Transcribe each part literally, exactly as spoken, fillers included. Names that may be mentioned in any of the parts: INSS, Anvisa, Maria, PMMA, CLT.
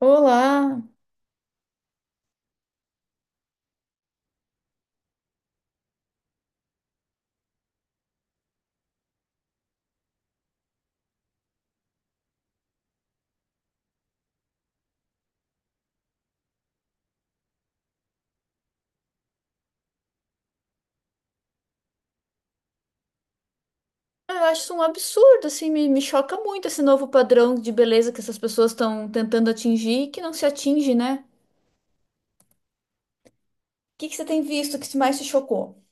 Olá! Ah, Eu acho isso um absurdo, assim, me, me choca muito esse novo padrão de beleza que essas pessoas estão tentando atingir e que não se atinge, né? O que que você tem visto que mais te chocou?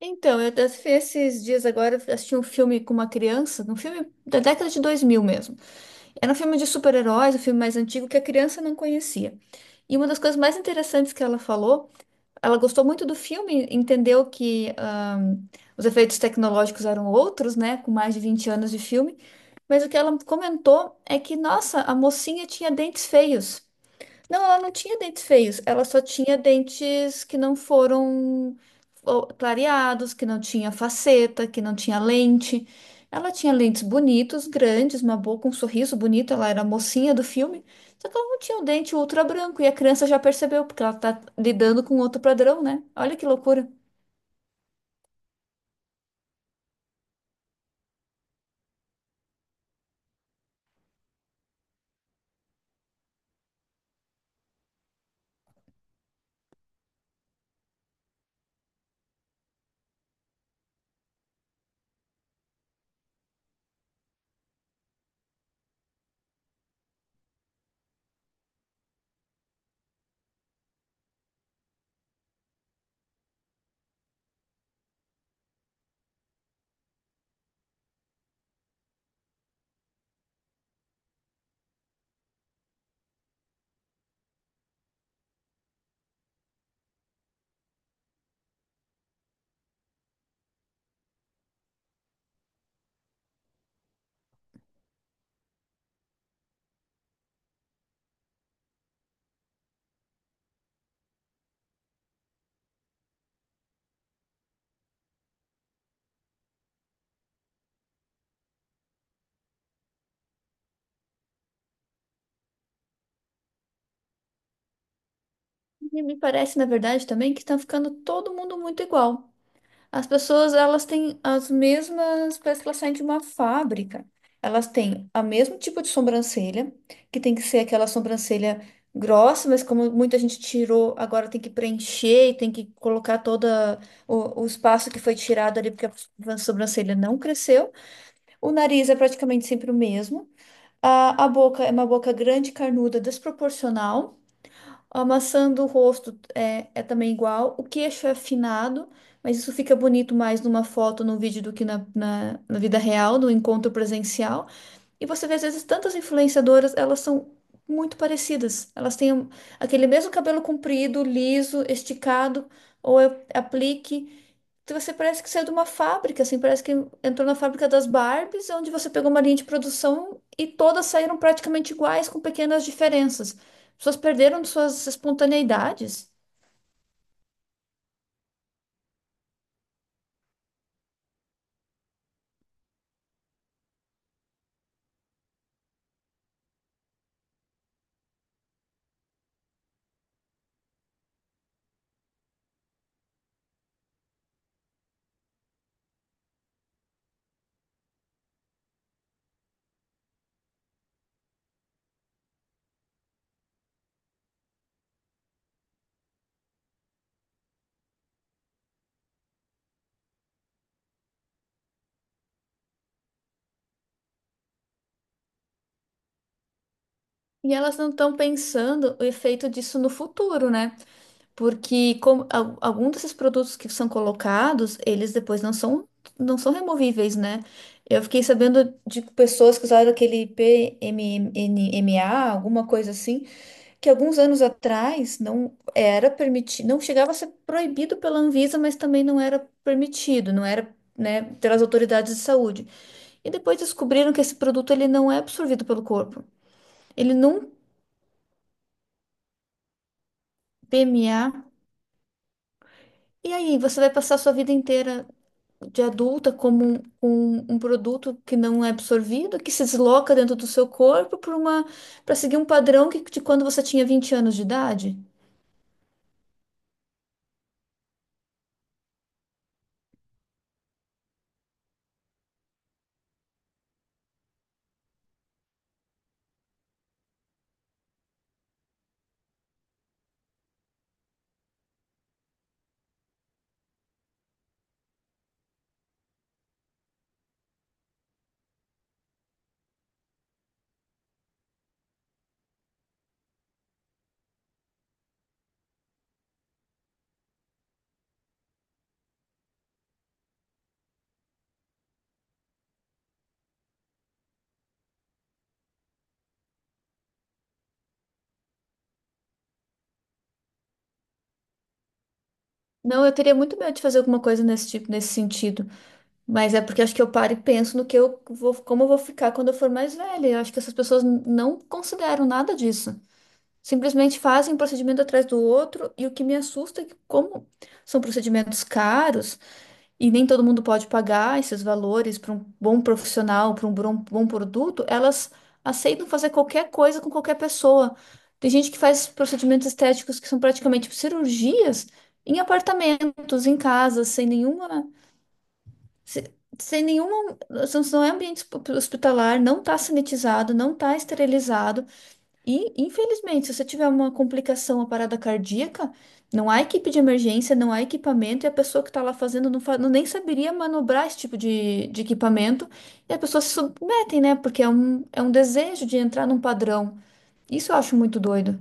Então, eu até fui esses dias agora assisti um filme com uma criança, um filme da década de dois mil mesmo. Era um filme de super-heróis, um filme mais antigo que a criança não conhecia. E uma das coisas mais interessantes que ela falou. Ela gostou muito do filme, entendeu que ahn, os efeitos tecnológicos eram outros, né? Com mais de vinte anos de filme. Mas o que ela comentou é que, nossa, a mocinha tinha dentes feios. Não, ela não tinha dentes feios, ela só tinha dentes que não foram, ó, clareados, que não tinha faceta, que não tinha lente. Ela tinha lentes bonitos, grandes, uma boca, um sorriso bonito, ela era a mocinha do filme, só que ela não tinha um dente ultra branco e a criança já percebeu, porque ela tá lidando com outro padrão, né? Olha que loucura. E me parece, na verdade, também que tá ficando todo mundo muito igual. As pessoas, elas têm as mesmas, parece que elas saem de uma fábrica. Elas têm o mesmo tipo de sobrancelha, que tem que ser aquela sobrancelha grossa, mas como muita gente tirou, agora tem que preencher e tem que colocar todo o, o espaço que foi tirado ali, porque a sobrancelha não cresceu. O nariz é praticamente sempre o mesmo. A, a boca é uma boca grande, carnuda, desproporcional. A maçã do rosto é, é também igual. O queixo é afinado, mas isso fica bonito mais numa foto, num vídeo do que na, na, na vida real, no encontro presencial. E você vê, às vezes, tantas influenciadoras, elas são muito parecidas. Elas têm um- aquele mesmo cabelo comprido, liso, esticado, ou é aplique. Então, você parece que saiu de uma fábrica, assim, parece que entrou na fábrica das Barbies, onde você pegou uma linha de produção e todas saíram praticamente iguais, com pequenas diferenças. As pessoas perderam suas espontaneidades e elas não estão pensando o efeito disso no futuro, né? Porque como, al- algum desses produtos que são colocados, eles depois não são, não são removíveis, né? Eu fiquei sabendo de pessoas que usaram aquele P M M A, alguma coisa assim, que alguns anos atrás não era permitido, não chegava a ser proibido pela Anvisa, mas também não era permitido, não era, né, pelas autoridades de saúde. E depois descobriram que esse produto ele não é absorvido pelo corpo. Ele não, P M A. E aí, você vai passar a sua vida inteira de adulta como um, um, um produto que não é absorvido, que se desloca dentro do seu corpo para uma, para seguir um padrão que, de quando você tinha vinte anos de idade? Não, eu teria muito medo de fazer alguma coisa nesse tipo, nesse sentido. Mas é porque eu acho que eu paro e penso no que eu vou, como eu vou ficar quando eu for mais velha. Eu acho que essas pessoas n- não consideram nada disso. Simplesmente fazem um procedimento atrás do outro, e o que me assusta é que, como são procedimentos caros e nem todo mundo pode pagar esses valores para um bom profissional, para um bom, bom produto, elas aceitam fazer qualquer coisa com qualquer pessoa. Tem gente que faz procedimentos estéticos que são praticamente cirurgias em apartamentos, em casas, sem nenhuma, se- sem nenhuma. Não não é ambiente hosp- hospitalar, não está sanitizado, não está esterilizado. E, infelizmente, se você tiver uma complicação, uma parada cardíaca, não há equipe de emergência, não há equipamento, e a pessoa que está lá fazendo não, fa- não nem saberia manobrar esse tipo de, de equipamento, e as pessoas se submetem, né? Porque é um, é um desejo de entrar num padrão. Isso eu acho muito doido.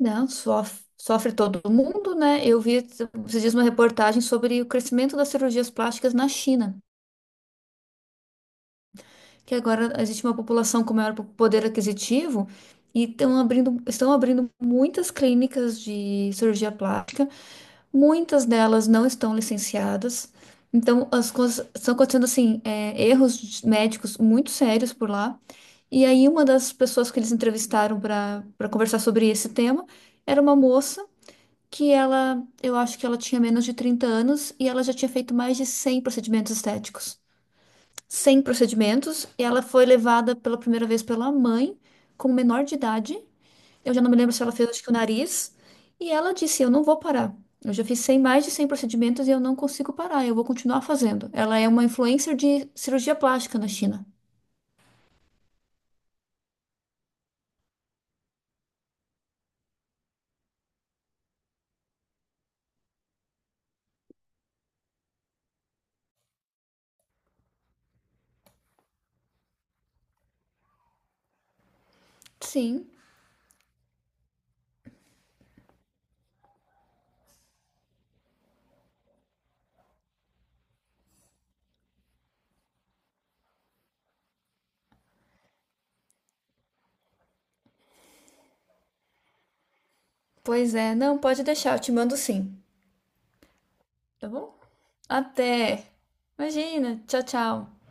Não, sofre. Sofre todo mundo, né? Eu vi esses dias uma reportagem sobre o crescimento das cirurgias plásticas na China, que agora existe uma população com maior poder aquisitivo e estão abrindo, estão abrindo muitas clínicas de cirurgia plástica, muitas delas não estão licenciadas. Então, as coisas estão acontecendo assim, é, erros médicos muito sérios por lá. E aí, uma das pessoas que eles entrevistaram para para conversar sobre esse tema era uma moça que ela, eu acho que ela tinha menos de trinta anos e ela já tinha feito mais de cem procedimentos estéticos sem procedimentos, e ela foi levada pela primeira vez pela mãe, como menor de idade. Eu já não me lembro se ela fez, acho que o nariz. E ela disse: Eu não vou parar. Eu já fiz cem, mais de cem procedimentos e eu não consigo parar, eu vou continuar fazendo. Ela é uma influencer de cirurgia plástica na China. Sim, pois é. Não, pode deixar, eu te mando sim. Tá bom? Até. Imagina. Tchau, tchau.